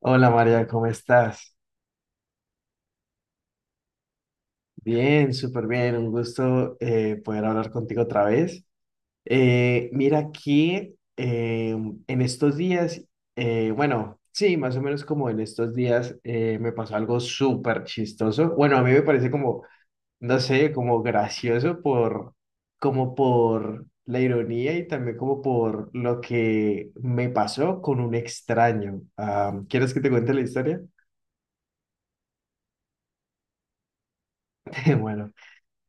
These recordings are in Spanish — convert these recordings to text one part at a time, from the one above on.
Hola María, ¿cómo estás? Bien, súper bien, un gusto poder hablar contigo otra vez. Mira aquí, en estos días, bueno, sí, más o menos como en estos días, me pasó algo súper chistoso. Bueno, a mí me parece como, no sé, como gracioso por, como por la ironía y también como por lo que me pasó con un extraño. Ah, ¿quieres que te cuente la historia? Bueno.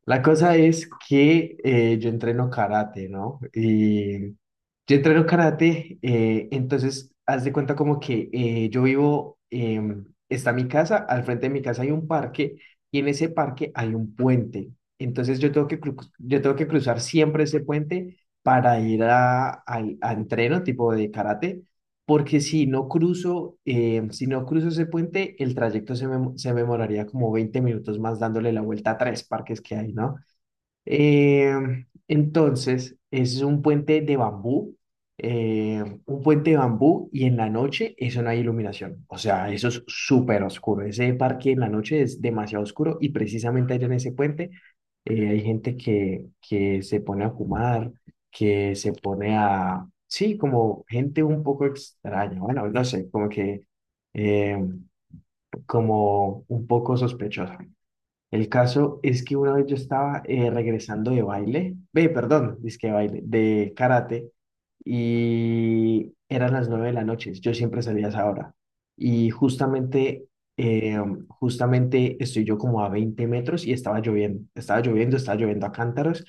La cosa es que yo entreno karate, ¿no? Entonces haz de cuenta como que yo vivo, está mi casa, al frente de mi casa hay un parque y en ese parque hay un puente. Entonces yo tengo yo tengo que cruzar siempre ese puente para ir a entreno tipo de karate porque si no cruzo, si no cruzo ese puente, el trayecto se me demoraría como 20 minutos más dándole la vuelta a tres parques que hay, ¿no? Eh, entonces, es un puente de bambú, un puente de bambú y en la noche eso no hay iluminación. O sea, eso es súper oscuro. Ese parque en la noche es demasiado oscuro y precisamente allá en ese puente que se pone a fumar, que se pone a... Sí, como gente un poco extraña. Bueno, no sé, como que... eh, como un poco sospechosa. El caso es que una vez yo estaba regresando de baile, ve, perdón, dizque de baile, de karate, y eran las 9 de la noche, yo siempre salía a esa hora, y justamente, eh, justamente estoy yo como a 20 metros y estaba lloviendo, estaba lloviendo, estaba lloviendo a cántaros,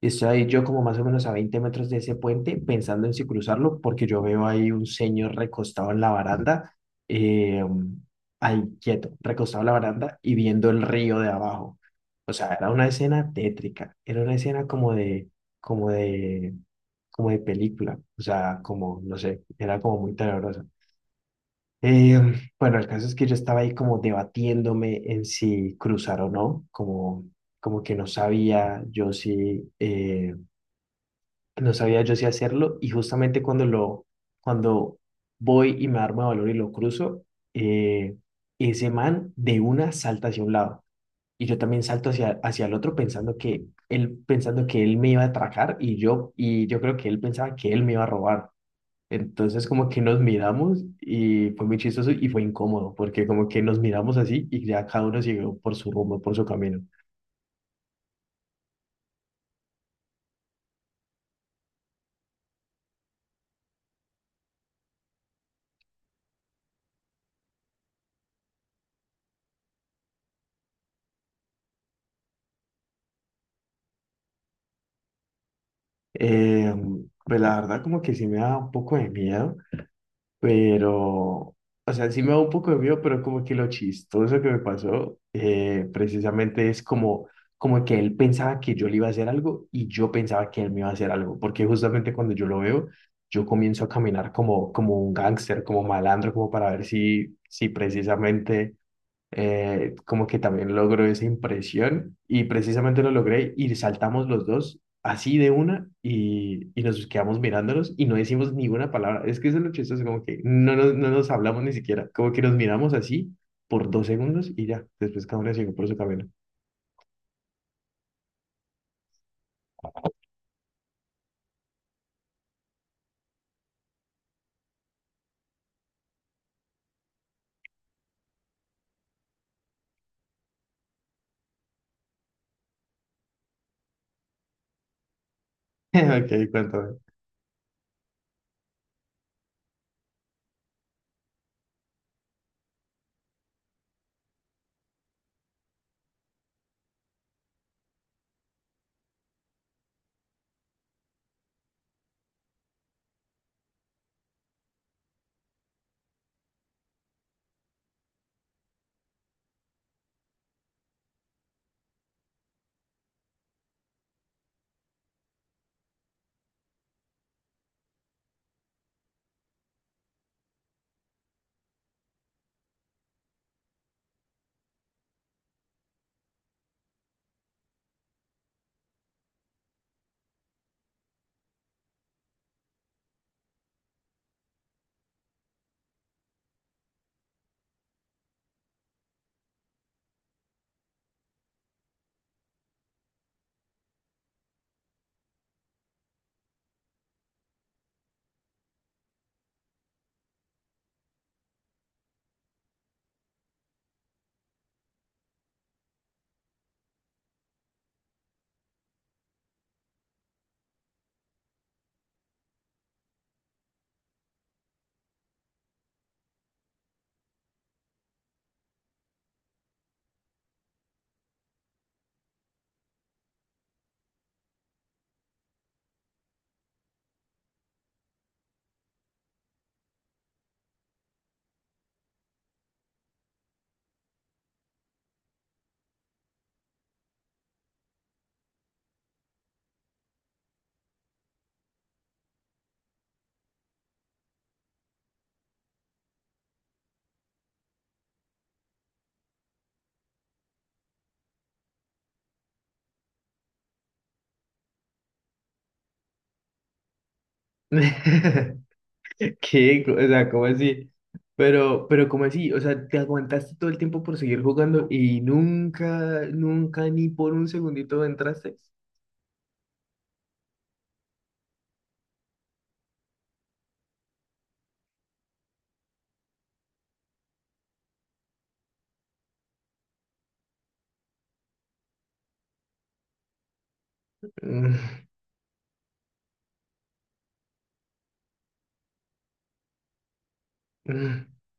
y estoy ahí yo como más o menos a 20 metros de ese puente, pensando en si cruzarlo, porque yo veo ahí un señor recostado en la baranda, eh, ahí quieto, recostado en la baranda y viendo el río de abajo. O sea, era una escena tétrica, era una escena como de, como de película, o sea, como, no sé, era como muy tenebrosa. Eh, bueno, el caso es que yo estaba ahí como debatiéndome en si cruzar o no, como, como que no sabía yo si, no sabía yo si hacerlo y justamente cuando voy y me armo de valor y lo cruzo, eh, ese man de una salta hacia un lado y yo también salto hacia el otro pensando pensando que él me iba a atracar y yo creo que él pensaba que él me iba a robar. Entonces como que nos miramos y fue muy chistoso y fue incómodo porque como que nos miramos así y ya cada uno siguió por su rumbo, por su camino. Eh, pues la verdad como que sí me da un poco de miedo. Pero, o sea, sí me da un poco de miedo, pero como que lo chistoso que me pasó, precisamente es como que él pensaba que yo le iba a hacer algo y yo pensaba que él me iba a hacer algo, porque justamente cuando yo lo veo, yo comienzo a caminar como, como un gángster, como malandro, como para ver si precisamente como que también logró esa impresión y precisamente lo logré y saltamos los dos así de una y nos quedamos mirándonos y no decimos ninguna palabra. Es que eso es lo chistoso, como que no nos hablamos ni siquiera, como que nos miramos así por 2 segundos y ya, después cada uno siguió por su camino. Ok, cuéntame. ¿Qué? O sea, ¿cómo así? Pero ¿cómo así? O sea, te aguantaste todo el tiempo por seguir jugando y nunca, nunca ni por un segundito entraste.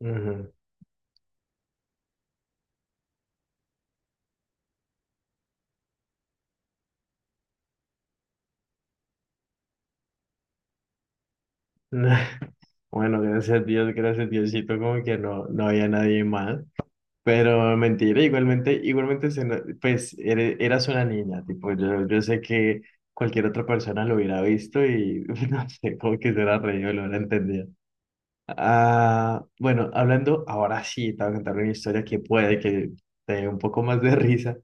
Ujú. Bueno, gracias a Dios, gracias Diosito, como que no había nadie más. Pero mentira, igualmente, igualmente, se no- pues eras una niña, tipo, yo sé que cualquier otra persona lo hubiera visto y no sé, como que se hubiera reído, lo hubiera entendido. Ah, bueno, hablando ahora sí, te voy a contar una historia que puede que te dé un poco más de risa.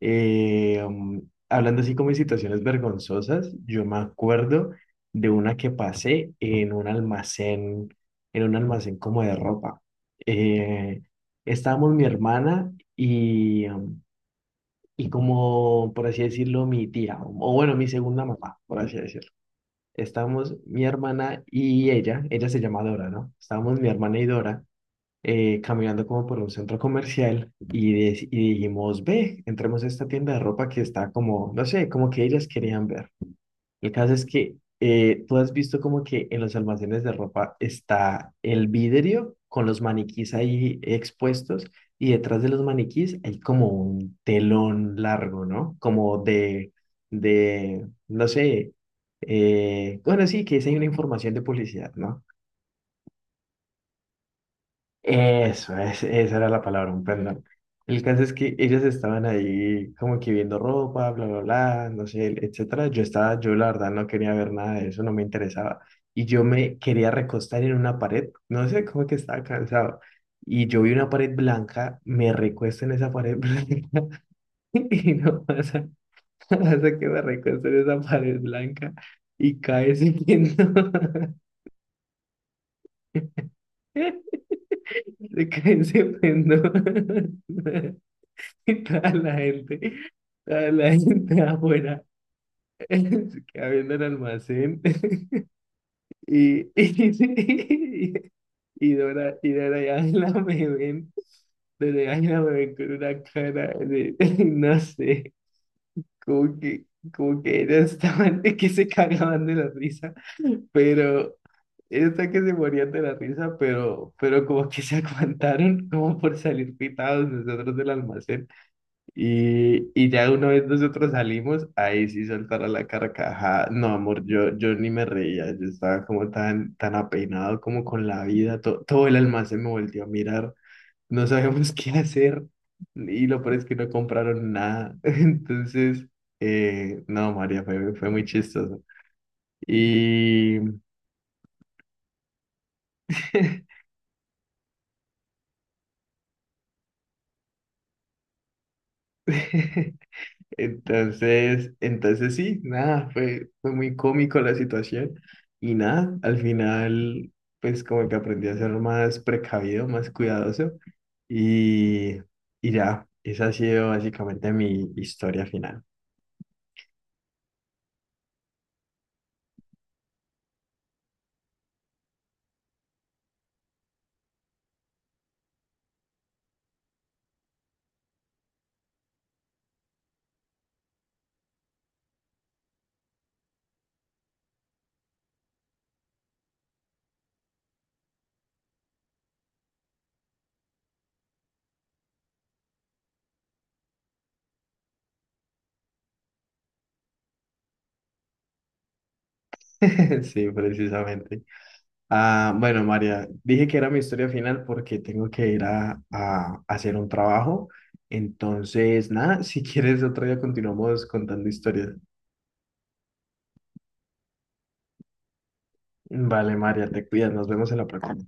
Eh, um, Hablando así como de situaciones vergonzosas, yo me acuerdo de una que pasé en un almacén como de ropa. Eh, Estábamos mi hermana y como, por así decirlo, mi tía, o bueno, mi segunda mamá, por así decirlo. Estábamos mi hermana y ella se llama Dora, ¿no? Estábamos mi hermana y Dora caminando como por un centro comercial y, de y dijimos, ve, entremos a esta tienda de ropa que está como, no sé, como que ellas querían ver. El caso es que tú has visto como que en los almacenes de ropa está el vidrio con los maniquís ahí expuestos y detrás de los maniquís hay como un telón largo, ¿no? Como de, no sé, bueno, sí, que es ahí una información de publicidad, ¿no? Eso, esa era la palabra, un perdón. El caso es que ellas estaban ahí como que viendo ropa, bla, bla, bla, no sé, etcétera. Yo la verdad no quería ver nada de eso, no me interesaba. Y yo me quería recostar en una pared, no sé, como que estaba cansado. Y yo vi una pared blanca, me recuesto en esa pared blanca y no pasa, no pasa que me recuesto en esa pared blanca y cae ese pendón. Se cae ese pendón. toda la gente, toda la gente afuera, se queda viendo el almacén. Y, y, y Dora y Ángela me ven, Dora y Ángela me ven con una cara de, no sé, como que, como que ellas estaban, que se cagaban de la risa, pero esta que se morían de la risa, pero como que se aguantaron como por salir pitados nosotros del almacén. Y ya una vez nosotros salimos, ahí sí soltara la carcajada. No, amor, yo ni me reía, yo estaba como tan apeinado como con la vida, todo el almacén me volvió a mirar, no sabíamos qué hacer y lo peor es que no compraron nada. Entonces, no, María, fue muy chistoso. Y, entonces sí, nada, fue muy cómico la situación y nada, al final pues como que aprendí a ser más precavido, más cuidadoso y, y ya, esa ha sido básicamente mi historia final. Sí, precisamente. Ah, bueno, María, dije que era mi historia final porque tengo que ir a hacer un trabajo. Entonces, nada, si quieres otro día continuamos contando historias. Vale, María, te cuidas, nos vemos en la próxima.